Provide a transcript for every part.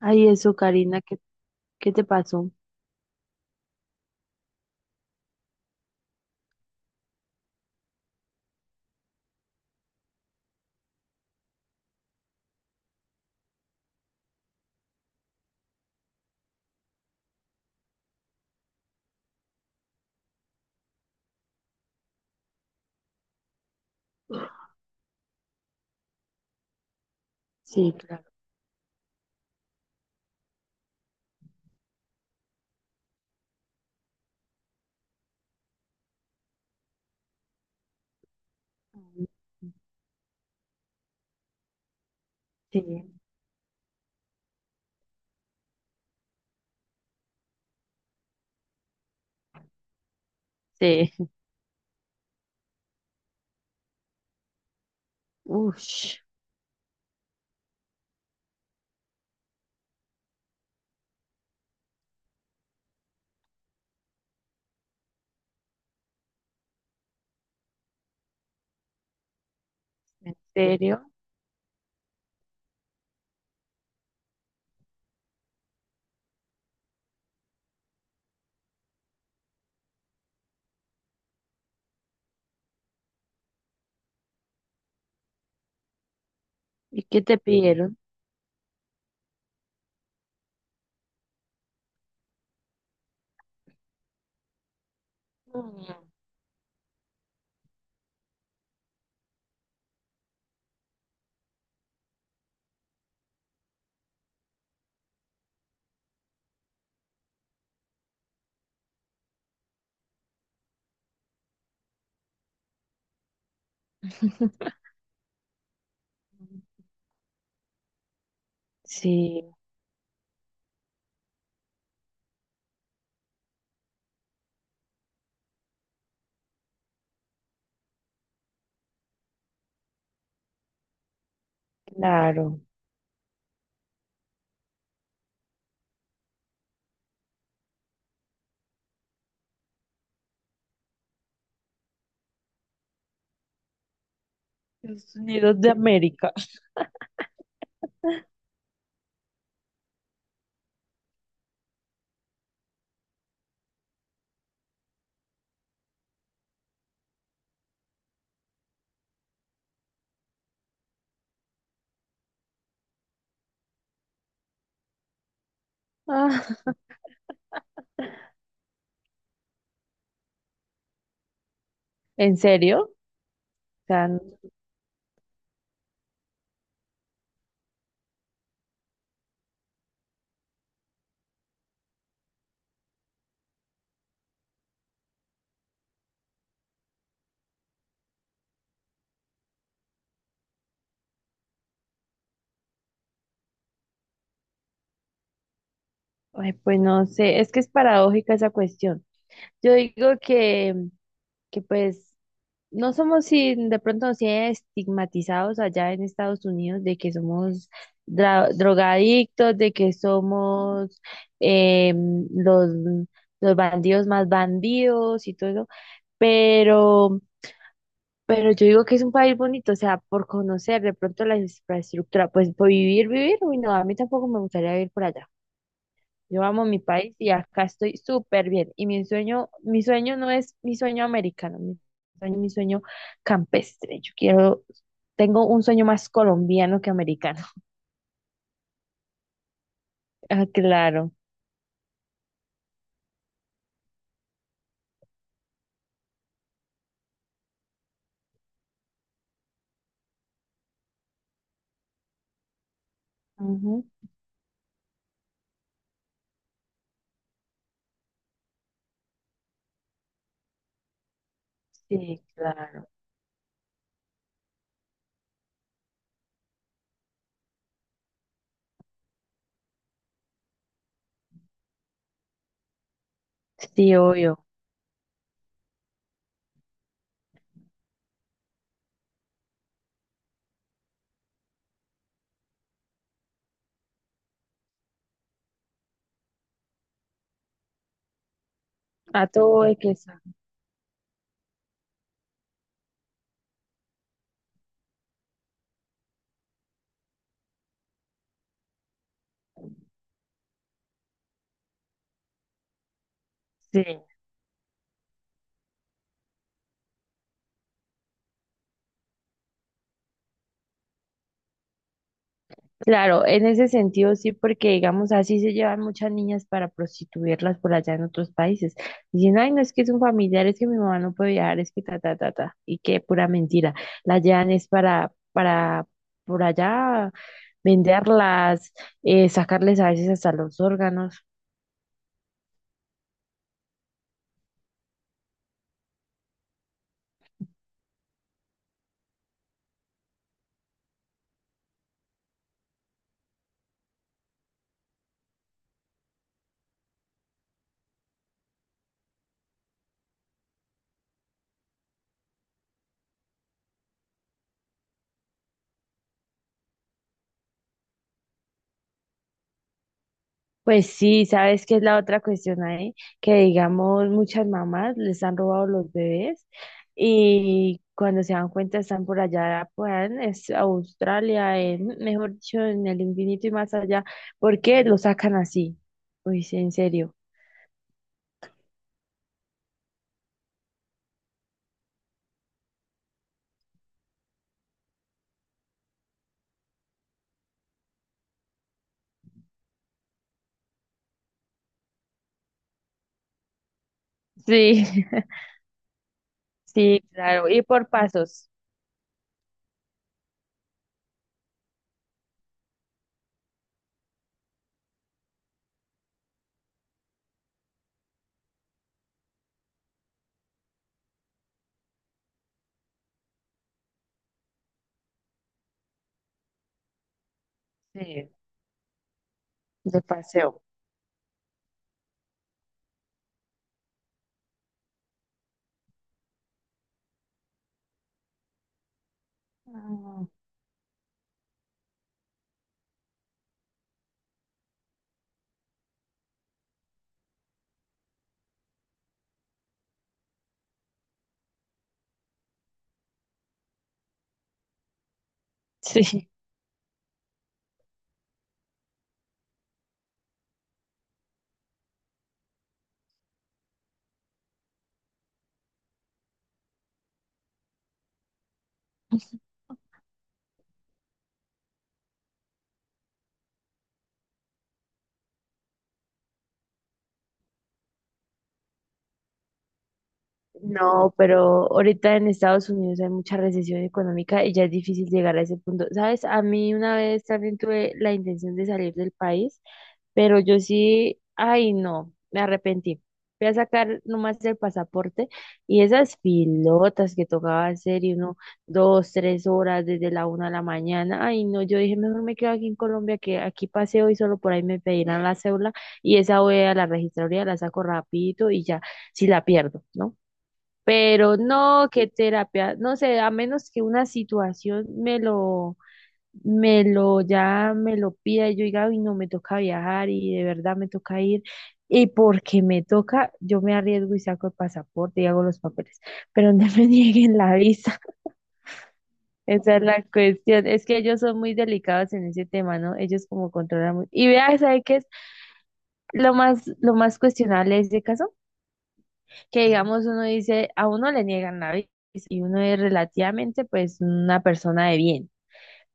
Ay, eso, Karina, ¿qué te pasó? Sí, claro. Sí, sí. Ush, ¿en serio? ¿Y qué te pidieron? Mm. Sí, claro. Estados Unidos de América. Ah, ¿en serio? O sea, n- ay, pues no sé, es que es paradójica esa cuestión. Yo digo que, que pues no somos, si de pronto sí estigmatizados allá en Estados Unidos, de que somos dra- drogadictos, de que somos eh, los, los bandidos más bandidos y todo eso, pero, pero yo digo que es un país bonito, o sea, por conocer de pronto la infraestructura, pues por vivir, vivir, uy, no, a mí tampoco me gustaría vivir por allá. Yo amo mi país y acá estoy súper bien. Y mi sueño no es mi sueño americano, mi sueño campestre. Yo quiero, tengo un sueño más colombiano que americano. Ah, claro. Ujú. Sí, claro. Sí, obvio. A todo hay que saber. Sí. Claro, en ese sentido sí, porque digamos así se llevan muchas niñas para prostituirlas por allá en otros países. Dicen, ay, no, es que es un familiar, es que mi mamá no puede viajar, es que ta, ta, ta, ta. Y qué pura mentira. La llevan es para por allá venderlas, sacarles a veces hasta los órganos. Pues sí, ¿sabes qué es la otra cuestión ahí? Que digamos, muchas mamás les han robado los bebés y cuando se dan cuenta están por allá, pues es- Australia, en, mejor dicho, en el infinito y más allá, ¿porque lo sacan así? Uy, sí, en serio. Sí, sí, claro, y por pasos, sí, de paseo. Ah, sí. No, pero ahorita en Estados Unidos hay mucha recesión económica y ya es difícil llegar a ese punto. ¿Sabes? A mí una vez también tuve la intención de salir del país, pero yo sí, ay no, me arrepentí. Fui a sacar nomás el pasaporte y esas pilotas que tocaba hacer y uno, dos, tres horas desde la una de la mañana. Ay no, yo dije, mejor me quedo aquí en Colombia, que aquí paseo y solo por ahí me pedirán la cédula y esa voy a la registraduría, la saco rapidito y ya, si la pierdo, ¿no? Pero no, qué terapia, no sé, a menos que una situación me lo, ya me lo pida y yo diga, uy, no, me toca viajar y de verdad me toca ir. Y porque me toca, yo me arriesgo y saco el pasaporte y hago los papeles, pero no me nieguen la visa. Esa es la cuestión. Es que ellos son muy delicados en ese tema, ¿no? Ellos como controlan muy... Y vea, ¿sabe qué es lo más cuestionable de ese caso? Que digamos uno dice, a uno le niegan la visa y uno es relativamente pues una persona de bien,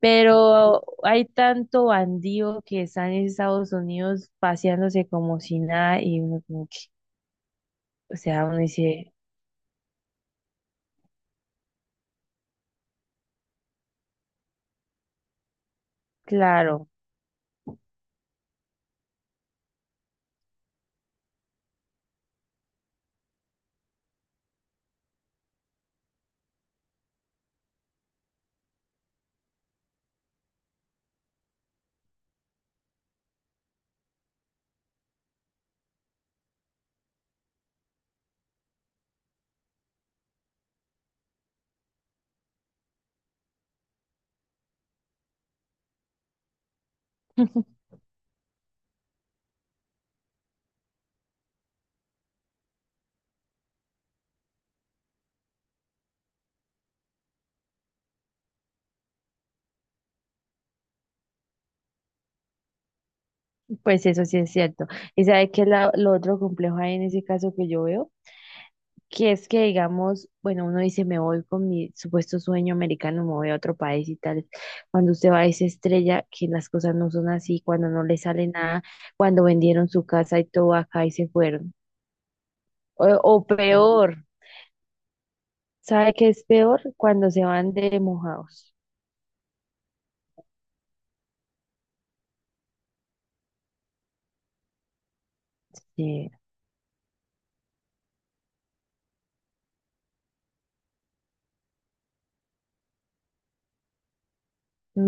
pero hay tanto bandido que está en Estados Unidos paseándose como si nada y uno como que, o sea, uno dice, claro, pues eso sí es cierto. ¿Y sabe qué es la- lo otro complejo ahí en ese caso que yo veo? Que es que, digamos, bueno, uno dice, me voy con mi supuesto sueño americano, me voy a otro país y tal. Cuando usted va a esa estrella, que las cosas no son así, cuando no le sale nada, cuando vendieron su casa y todo acá y se fueron. O, o peor, ¿sabe qué es peor? Cuando se van de mojados. Sí.